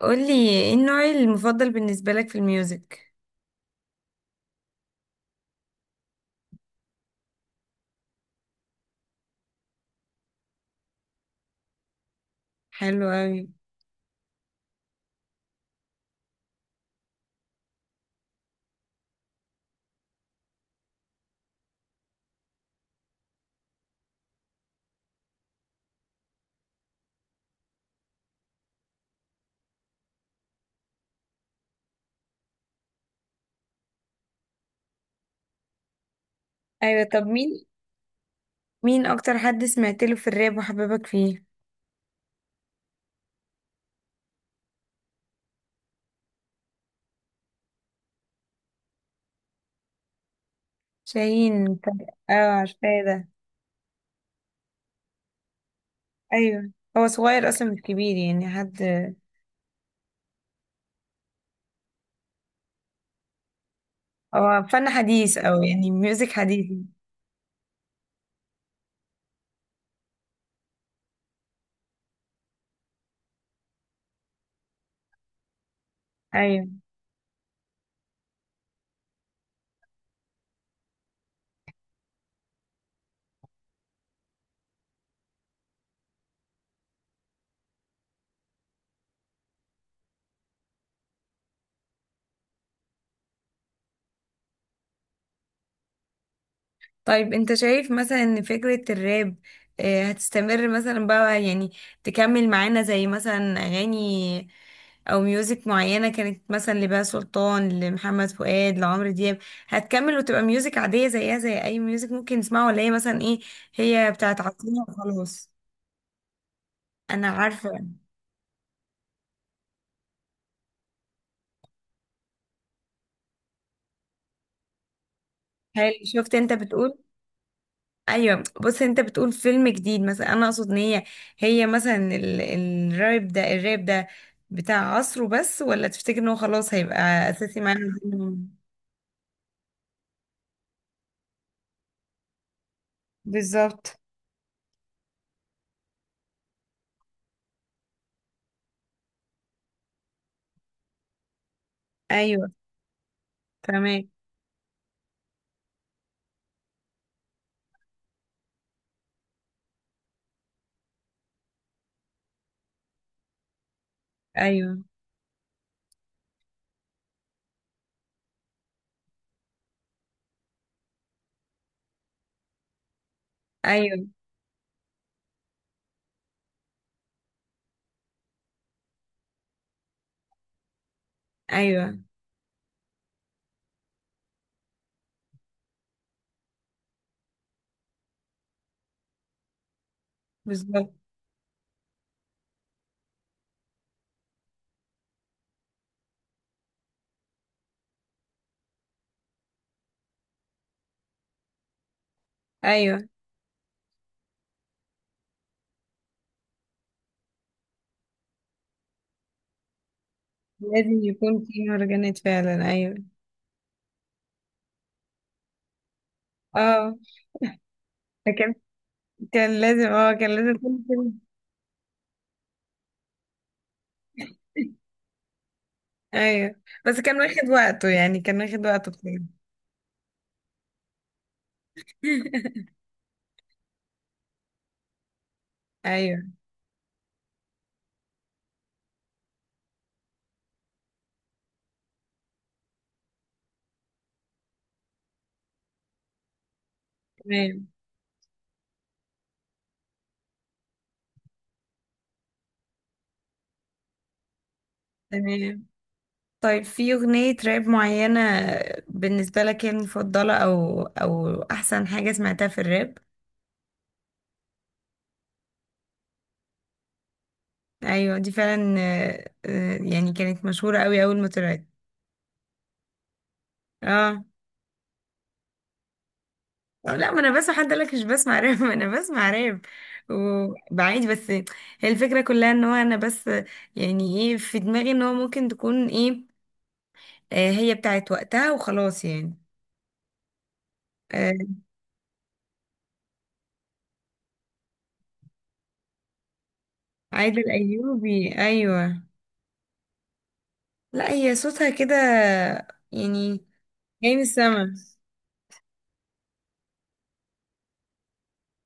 قولي ايه النوع المفضل بالنسبة لك في الميوزك؟ حلو اوي. ايوه، طب مين اكتر حد سمعت له في الراب وحببك فيه؟ شاهين. اه، عارفاه ده. ايوه، هو صغير اصلا، مش كبير يعني حد. هو فن حديث او يعني ميوزك حديث. ايوه. طيب، انت شايف مثلا ان فكرة الراب هتستمر مثلا بقى، يعني تكمل معانا زي مثلا اغاني او ميوزك معينة كانت مثلا لبهاء سلطان، لمحمد فؤاد، لعمرو دياب؟ هتكمل وتبقى ميوزك عادية زيها زي اي ميوزك ممكن نسمعه، ولا هي مثلا ايه، هي بتاعت عصرنا وخلاص؟ انا عارفة. هل شفت؟ انت بتقول. ايوه، بص، انت بتقول فيلم جديد مثلا. انا اقصد ان هي، هي مثلا الراب ده بتاع عصره بس، ولا تفتكر ان هو خلاص هيبقى اساسي معانا زمان؟ بالظبط. ايوه. فهمك. ايوه، ايوه، ايوه. بالظبط. ايوه، لازم يكون في مهرجانات فعلا، ايوه. اه، فكان، كان لازم يكون فيلم. ايوه، بس كان واخد وقته، يعني كان واخد وقته بصراحه. ايوه. تمام. تمام. طيب، في أغنية راب معينة بالنسبة لك يعني مفضلة أو أحسن حاجة سمعتها في الراب؟ أيوة، دي فعلا يعني كانت مشهورة أوي أول ما طلعت. اه. أو لا، ما أنا بس حد قالك مش بسمع راب. ما أنا بسمع راب وبعيد. بس هي الفكرة كلها إن هو، أنا بس يعني إيه في دماغي إن هو ممكن تكون إيه، هي بتاعت وقتها وخلاص يعني. آه، عادل أيوبي. أيوة. لا، هي صوتها كده يعني جاي من السما.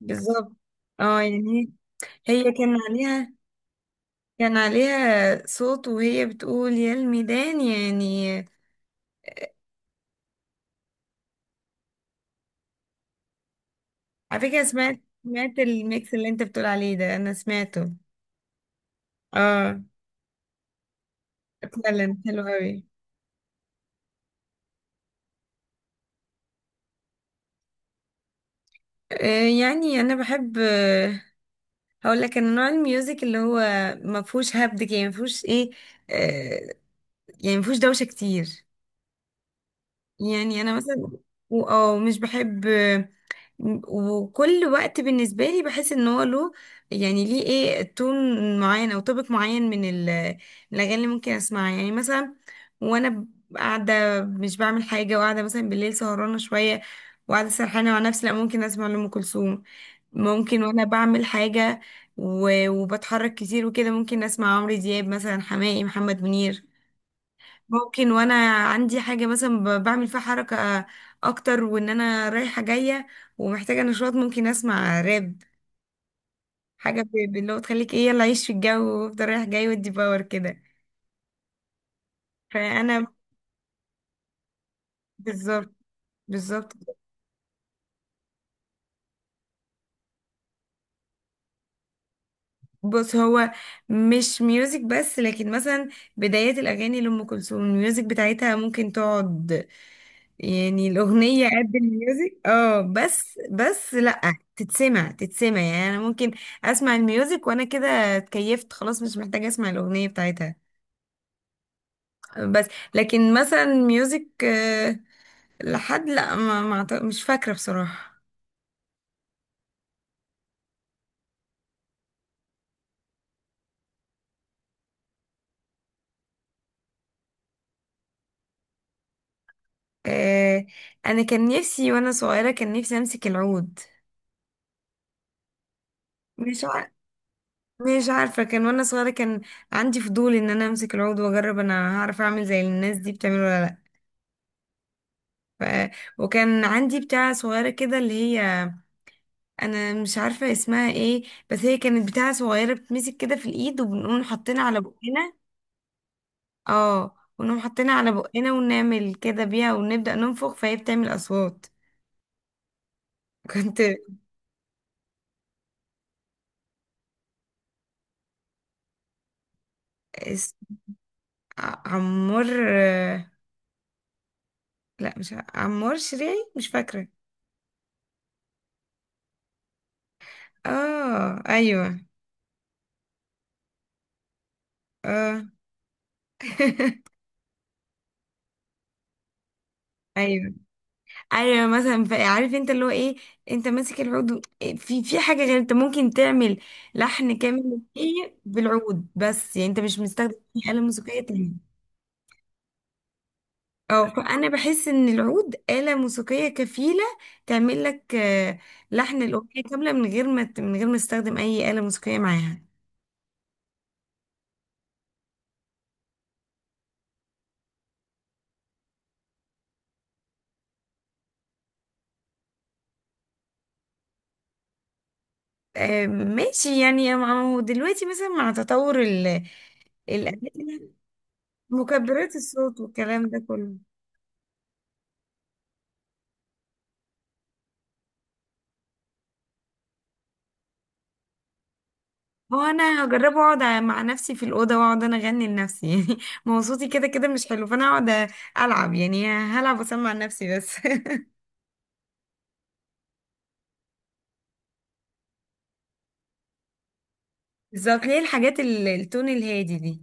بالظبط. اه، يعني هي كان عليها صوت وهي بتقول يا الميدان يعني. على فكرة، سمعت الميكس اللي انت بتقول عليه ده، انا سمعته. اه. فعلا حلو قوي. يعني انا بحب. هقول لك ان نوع الميوزك اللي هو ما فيهوش هبد كده، يعني ما فيهوش ايه، آه يعني ما فيهوش دوشة كتير. يعني انا مثلا مش بحب. وكل وقت بالنسبة لي بحس ان هو له، يعني ليه ايه تون معين او توبيك معين من الاغاني اللي ممكن اسمعها. يعني مثلا وانا قاعدة مش بعمل حاجة، وقاعدة مثلا بالليل سهرانة شوية، وقاعدة سرحانة مع نفسي، لا، ممكن اسمع لأم كلثوم. ممكن وانا بعمل حاجة وبتحرك كتير وكده ممكن اسمع عمرو دياب مثلا، حماقي، محمد منير. ممكن وانا عندي حاجة مثلا بعمل فيها حركة اكتر، وان انا رايحة جاية ومحتاجة نشاط، ممكن اسمع راب. حاجة اللي هو تخليك ايه يلا عيش في الجو وافضل رايح جاي، ودي باور كده. فانا بالظبط. بالظبط. بص، هو مش ميوزك بس، لكن مثلا بدايات الاغاني لام كلثوم الميوزك بتاعتها ممكن تقعد يعني. الأغنية قد الميوزك، اه، بس لأ، تتسمع يعني. أنا ممكن أسمع الميوزك وأنا كده اتكيفت خلاص، مش محتاجة أسمع الأغنية بتاعتها. بس لكن مثلا ميوزك لحد لأ، ما مش فاكرة بصراحة. آه، أنا كان نفسي وأنا صغيرة، كان نفسي أمسك العود. مش عارفة. مش عارفة، كان وأنا صغيرة كان عندي فضول إن أنا أمسك العود وأجرب، أنا هعرف أعمل زي الناس دي بتعمل ولا لأ. ف... وكان عندي بتاعة صغيرة كده اللي هي، أنا مش عارفة اسمها ايه، بس هي كانت بتاعة صغيرة بتمسك كده في الإيد وبنقوم حاطينها على بقنا. اه، ونقوم حاطينها على بقنا ونعمل كده بيها ونبدأ ننفخ فهي بتعمل أصوات. كنت اس... عمار. لا، مش عمار شريعي. مش فاكرة. اه، ايوه. اه. ايوه، ايوه، مثلا عارف انت اللي هو ايه، انت ماسك العود في حاجه غير انت ممكن تعمل لحن كامل للأغنية بالعود بس، يعني انت مش مستخدم اي آلة موسيقية تانية. اه، فانا بحس ان العود آلة موسيقية كفيلة تعمل لك لحن الأغنية كاملة من غير ما تستخدم اي آلة موسيقية معاها. ماشي. يعني ما هو دلوقتي مثلا مع تطور الآلات، مكبرات الصوت والكلام ده كله. هو انا هجربه، اقعد مع نفسي في الاوضه واقعد انا اغني لنفسي. يعني ما هو صوتي كده كده مش حلو، فانا اقعد العب يعني، هلعب واسمع لنفسي بس. بالظبط ليه، الحاجات التون الهادي دي.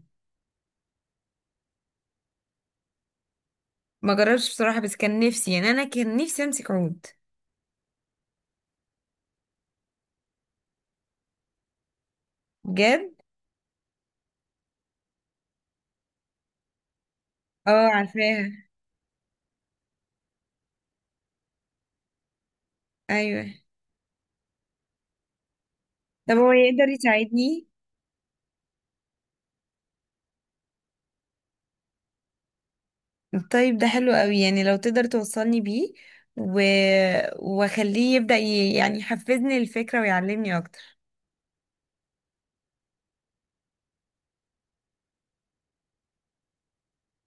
ما جربتش بصراحه، بس كان نفسي، يعني انا كان نفسي امسك عود. بجد. اه، عارفاها. ايوه. طب هو يقدر يساعدني؟ طيب ده حلو قوي يعني، لو تقدر توصلني بيه و... واخليه يبدأ يعني يحفزني الفكره ويعلمني اكتر.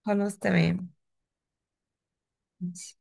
خلاص، تمام. ماشي.